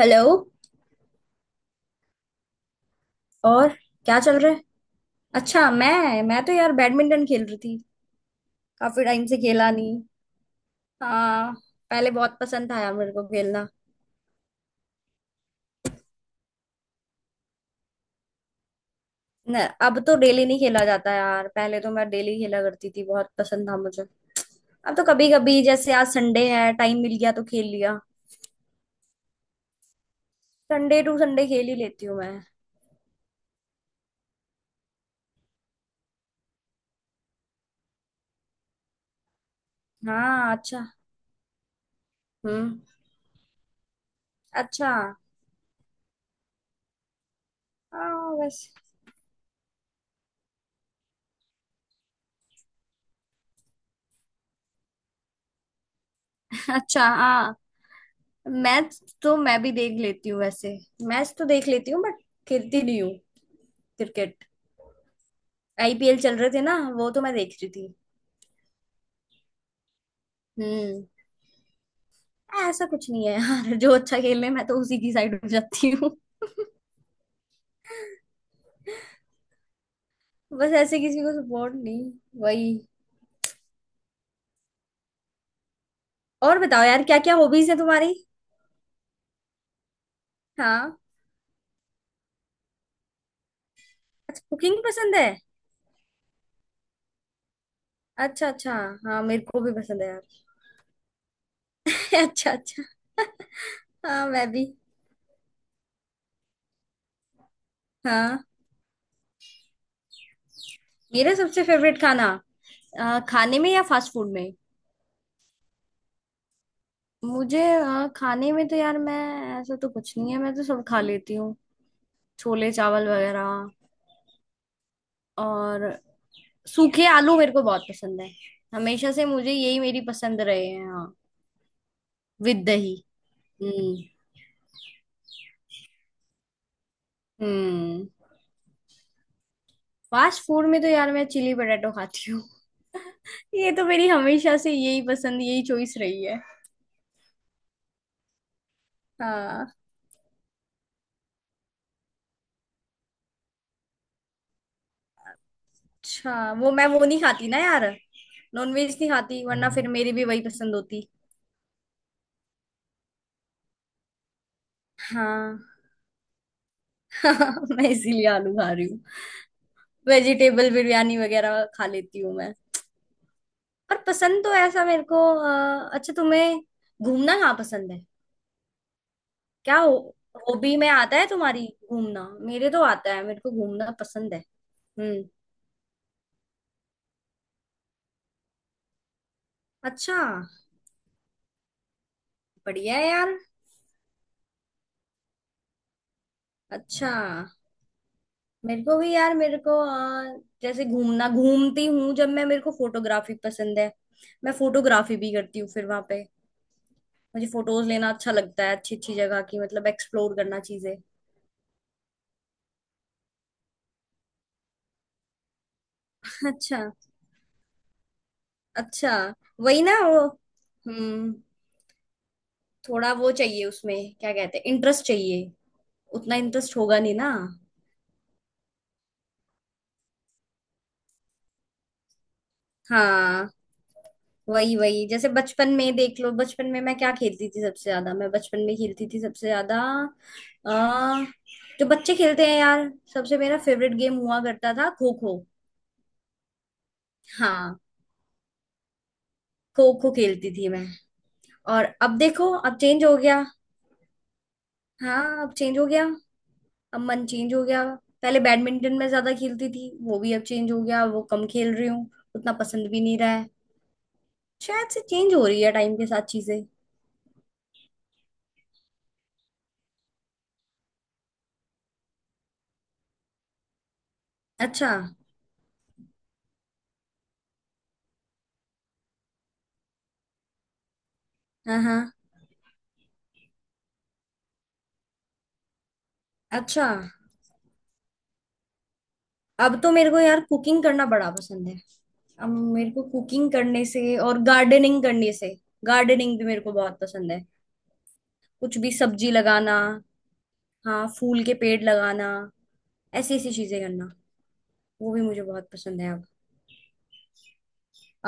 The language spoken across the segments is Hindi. हेलो। और क्या चल रहा है। अच्छा, मैं तो यार बैडमिंटन खेल रही थी। काफी टाइम से खेला नहीं। हाँ, पहले बहुत पसंद था यार मेरे को खेलना। न, अब तो डेली नहीं खेला जाता यार, पहले तो मैं डेली खेला करती थी, बहुत पसंद था मुझे। अब तो कभी कभी जैसे आज संडे है, टाइम मिल गया तो खेल लिया। संडे टू संडे खेल ही लेती हूँ मैं। हाँ। अच्छा। हम्म। अच्छा। हाँ। वैसे अच्छा, हाँ, मैच तो मैं भी देख लेती हूँ वैसे। मैच तो देख लेती हूँ बट खेलती नहीं हूँ क्रिकेट। आईपीएल चल रहे थे ना, वो तो मैं देख रही थी। हम्म। ऐसा कुछ नहीं है यार जो अच्छा खेल रहे हैं, मैं तो उसी की साइड हो जाती हूँ। बस ऐसे किसी को सपोर्ट नहीं। वही। और बताओ यार, क्या क्या हॉबीज है तुम्हारी। हाँ। अच्छा, कुकिंग पसंद है। अच्छा अच्छा। हाँ, मेरे को भी पसंद है यार। अच्छा अच्छा। हाँ, मैं भी। हाँ, मेरा सबसे फेवरेट खाना, खाने में या फास्ट फूड में। मुझे खाने में तो यार मैं, ऐसा तो कुछ नहीं है, मैं तो सब खा लेती। छोले चावल वगैरह। और सूखे आलू मेरे को बहुत पसंद है। हमेशा से मुझे यही मेरी पसंद रहे हैं। हाँ, विद दही। हम्म। हम्म, फास्ट फूड में तो यार मैं चिली पटेटो खाती हूँ। ये तो मेरी हमेशा से यही पसंद, यही चॉइस रही है। हाँ। अच्छा, वो मैं वो नहीं खाती ना यार, नॉनवेज नहीं खाती, वरना फिर मेरी भी वही पसंद होती। हाँ। मैं इसीलिए आलू खा रही हूँ। वेजिटेबल बिरयानी वगैरह खा लेती हूँ मैं। पर पसंद तो ऐसा मेरे को अच्छा, तुम्हें घूमना कहाँ पसंद है। क्या हो, हॉबी में आता है तुम्हारी घूमना। मेरे तो आता है, मेरे को घूमना पसंद है। हम्म। अच्छा, बढ़िया है यार। अच्छा, मेरे को भी यार, मेरे को जैसे घूमना घूमती हूँ जब मैं, मेरे को फोटोग्राफी पसंद है। मैं फोटोग्राफी भी करती हूँ फिर वहां पे। मुझे फोटोज लेना अच्छा लगता है, अच्छी अच्छी जगह की, मतलब एक्सप्लोर करना चीजें। अच्छा अच्छा। वही ना वो। हम्म, थोड़ा वो चाहिए उसमें, क्या कहते हैं, इंटरेस्ट चाहिए। उतना इंटरेस्ट होगा नहीं ना। हाँ, वही वही, जैसे बचपन में देख लो, बचपन में मैं क्या खेलती थी सबसे ज्यादा, मैं बचपन में खेलती थी सबसे ज्यादा। आ, जो बच्चे खेलते हैं यार, सबसे मेरा फेवरेट गेम हुआ करता था, खो खो। हाँ, खो खो खेलती थी मैं। और अब देखो, अब चेंज हो गया। हाँ, अब चेंज हो गया। अब मन चेंज हो गया। पहले बैडमिंटन में ज्यादा खेलती थी, वो भी अब चेंज हो गया, वो कम खेल रही हूँ। उतना पसंद भी नहीं रहा है। शायद से चेंज हो रही है टाइम के साथ चीजें। अच्छा। हाँ हाँ। अच्छा। अब तो मेरे को यार कुकिंग करना बड़ा पसंद है। अब मेरे को कुकिंग करने से और गार्डनिंग करने से, गार्डनिंग भी मेरे को बहुत पसंद है। कुछ भी सब्जी लगाना, हाँ, फूल के पेड़ लगाना, ऐसी ऐसी चीजें करना, वो भी मुझे बहुत पसंद है अब।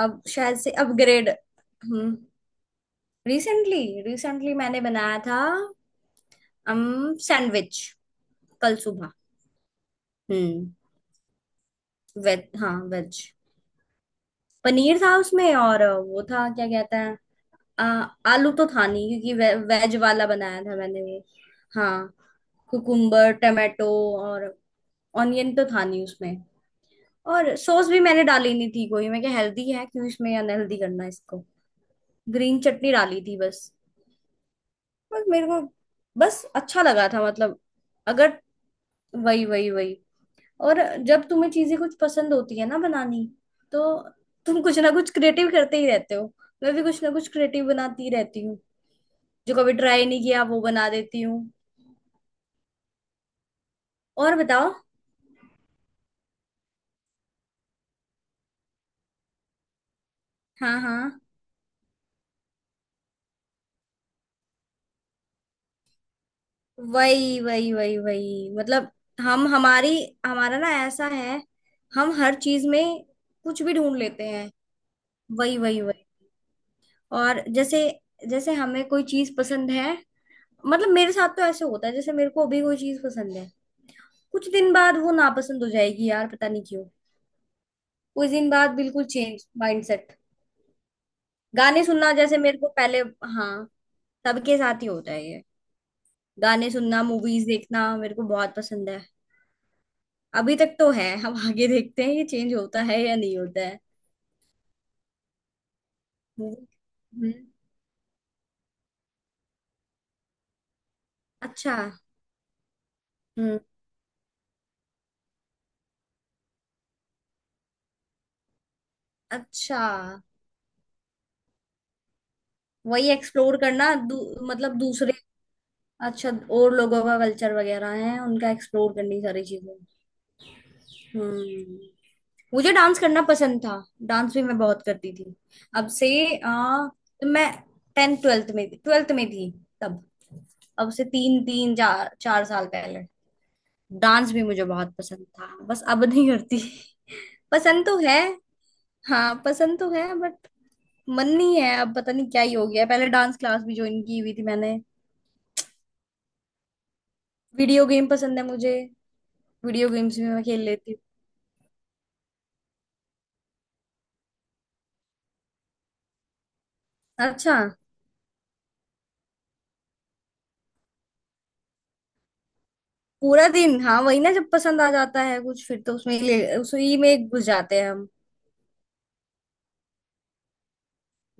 अब शायद से अपग्रेड। हम्म, रिसेंटली, रिसेंटली मैंने बनाया था, अम सैंडविच। कल सुबह। हम्म, वेज, हाँ वेज। पनीर था उसमें और वो था, क्या कहते हैं, आ, आलू तो था नहीं क्योंकि वेज वाला बनाया था मैंने वो। हाँ, कुकुम्बर, टमाटो, और ऑनियन तो था नहीं उसमें। और सॉस भी मैंने डाली नहीं थी कोई, मैं क्या, हेल्दी है, क्यों इसमें अनहेल्दी करना है इसको। ग्रीन चटनी डाली थी बस। बस मेरे को, बस अच्छा लगा था मतलब। अगर, वही वही वही। और जब तुम्हें चीजें कुछ पसंद होती है ना बनानी, तो तुम कुछ ना कुछ क्रिएटिव करते ही रहते हो। मैं भी कुछ ना कुछ क्रिएटिव बनाती ही रहती हूँ। जो कभी ट्राई नहीं किया वो बना देती हूँ। और बताओ। हाँ हाँ। वही वही वही वही, मतलब, हम हमारी, हमारा ना ऐसा है, हम हर चीज में कुछ भी ढूंढ लेते हैं। वही वही वही। और जैसे, जैसे हमें कोई चीज पसंद है, मतलब मेरे साथ तो ऐसे होता है, जैसे मेरे को अभी कोई चीज पसंद है, कुछ दिन बाद वो नापसंद हो जाएगी यार, पता नहीं क्यों। कुछ दिन बाद बिल्कुल चेंज माइंडसेट। गाने सुनना जैसे मेरे को पहले, हाँ, सबके साथ ही होता है ये। गाने सुनना, मूवीज देखना मेरे को बहुत पसंद है। अभी तक तो है, हम आगे देखते हैं ये चेंज होता है या नहीं होता है। मूवी। हम्म। अच्छा। हम्म। अच्छा, वही एक्सप्लोर करना मतलब दूसरे, अच्छा, और लोगों का कल्चर वगैरह है, उनका एक्सप्लोर करनी सारी चीजें। हम्म। मुझे डांस करना पसंद था, डांस भी मैं बहुत करती थी। अब से, तो मैं टेंथ ट्वेल्थ में, ट्वेल्थ में थी तब, अब से 3 3 4 4 साल पहले। डांस भी मुझे बहुत पसंद था, बस अब नहीं करती। पसंद तो है, हाँ पसंद तो है बट मन नहीं है अब, पता नहीं क्या ही हो गया है। पहले डांस क्लास भी ज्वाइन की हुई थी मैंने। वीडियो गेम पसंद है मुझे, वीडियो गेम्स भी मैं खेल लेती हूँ। अच्छा। पूरा दिन, हाँ वही ना, जब पसंद आ जाता है कुछ फिर तो उसमें ले उसी में घुस जाते हैं हम।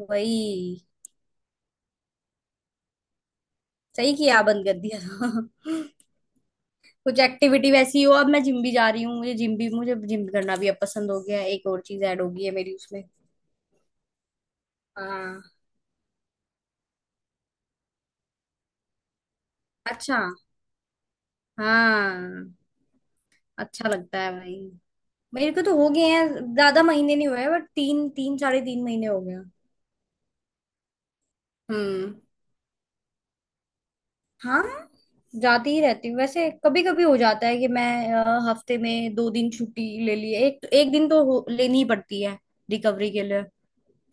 वही, सही किया बंद कर दिया था। कुछ एक्टिविटी वैसी हो, अब मैं जिम भी जा रही हूँ, मुझे जिम भी, मुझे जिम करना भी अब पसंद हो गया है। एक और चीज ऐड हो गई है मेरी उसमें। हाँ। अच्छा। हाँ, अच्छा लगता है भाई। मेरे को तो हो गए हैं, ज्यादा महीने नहीं हुए बट 3 3, साढ़े 3 महीने हो गया। हम्म। हाँ, जाती ही रहती हूँ वैसे। कभी कभी हो जाता है कि मैं, हफ्ते में 2 दिन छुट्टी ले ली, 1 1 दिन तो लेनी ही पड़ती है रिकवरी के लिए।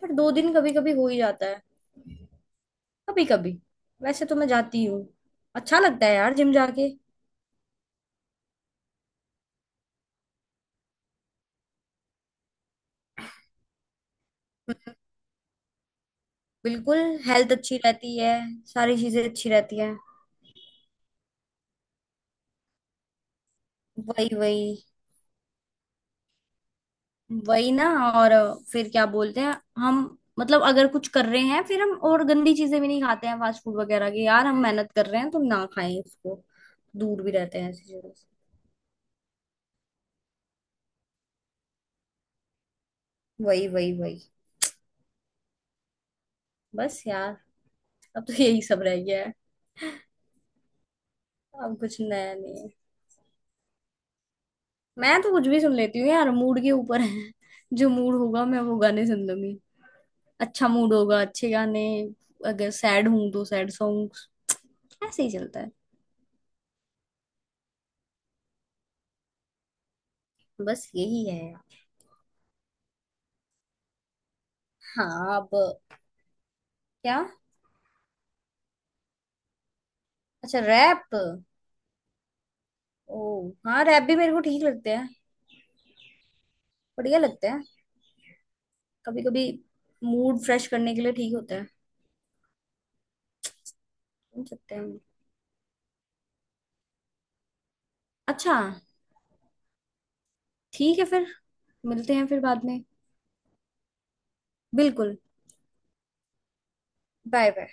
पर 2 दिन कभी कभी हो ही जाता है। कभी कभी, वैसे तो मैं जाती हूँ। अच्छा लगता है यार जिम जाके। बिल्कुल, हेल्थ अच्छी रहती है, सारी चीजें अच्छी रहती है। वही वही। वही ना। और फिर क्या बोलते हैं, हम, मतलब अगर कुछ कर रहे हैं, फिर हम और गंदी चीजें भी नहीं खाते हैं फास्ट फूड वगैरह की, यार हम मेहनत कर रहे हैं तो ना खाएं उसको। दूर भी रहते हैं ऐसी चीजों से। वही वही वही। बस यार, अब तो यही सब रह गया है। अब कुछ नया नहीं है। मैं तो कुछ भी सुन लेती हूँ यार, मूड के ऊपर है। जो मूड होगा मैं वो गाने सुन लूंगी, अच्छा मूड होगा अच्छे गाने, अगर सैड हूं तो सैड सॉन्ग्स, ऐसे ही चलता है। बस यही है। हाँ। अब क्या। अच्छा रैप। ओ, हाँ रैप भी मेरे को ठीक लगते हैं, बढ़िया लगते हैं। कभी कभी मूड फ्रेश करने के लिए ठीक होता है, सुन सकते हैं हम। अच्छा, ठीक है फिर, मिलते हैं फिर बाद में। बिल्कुल। Bye bye.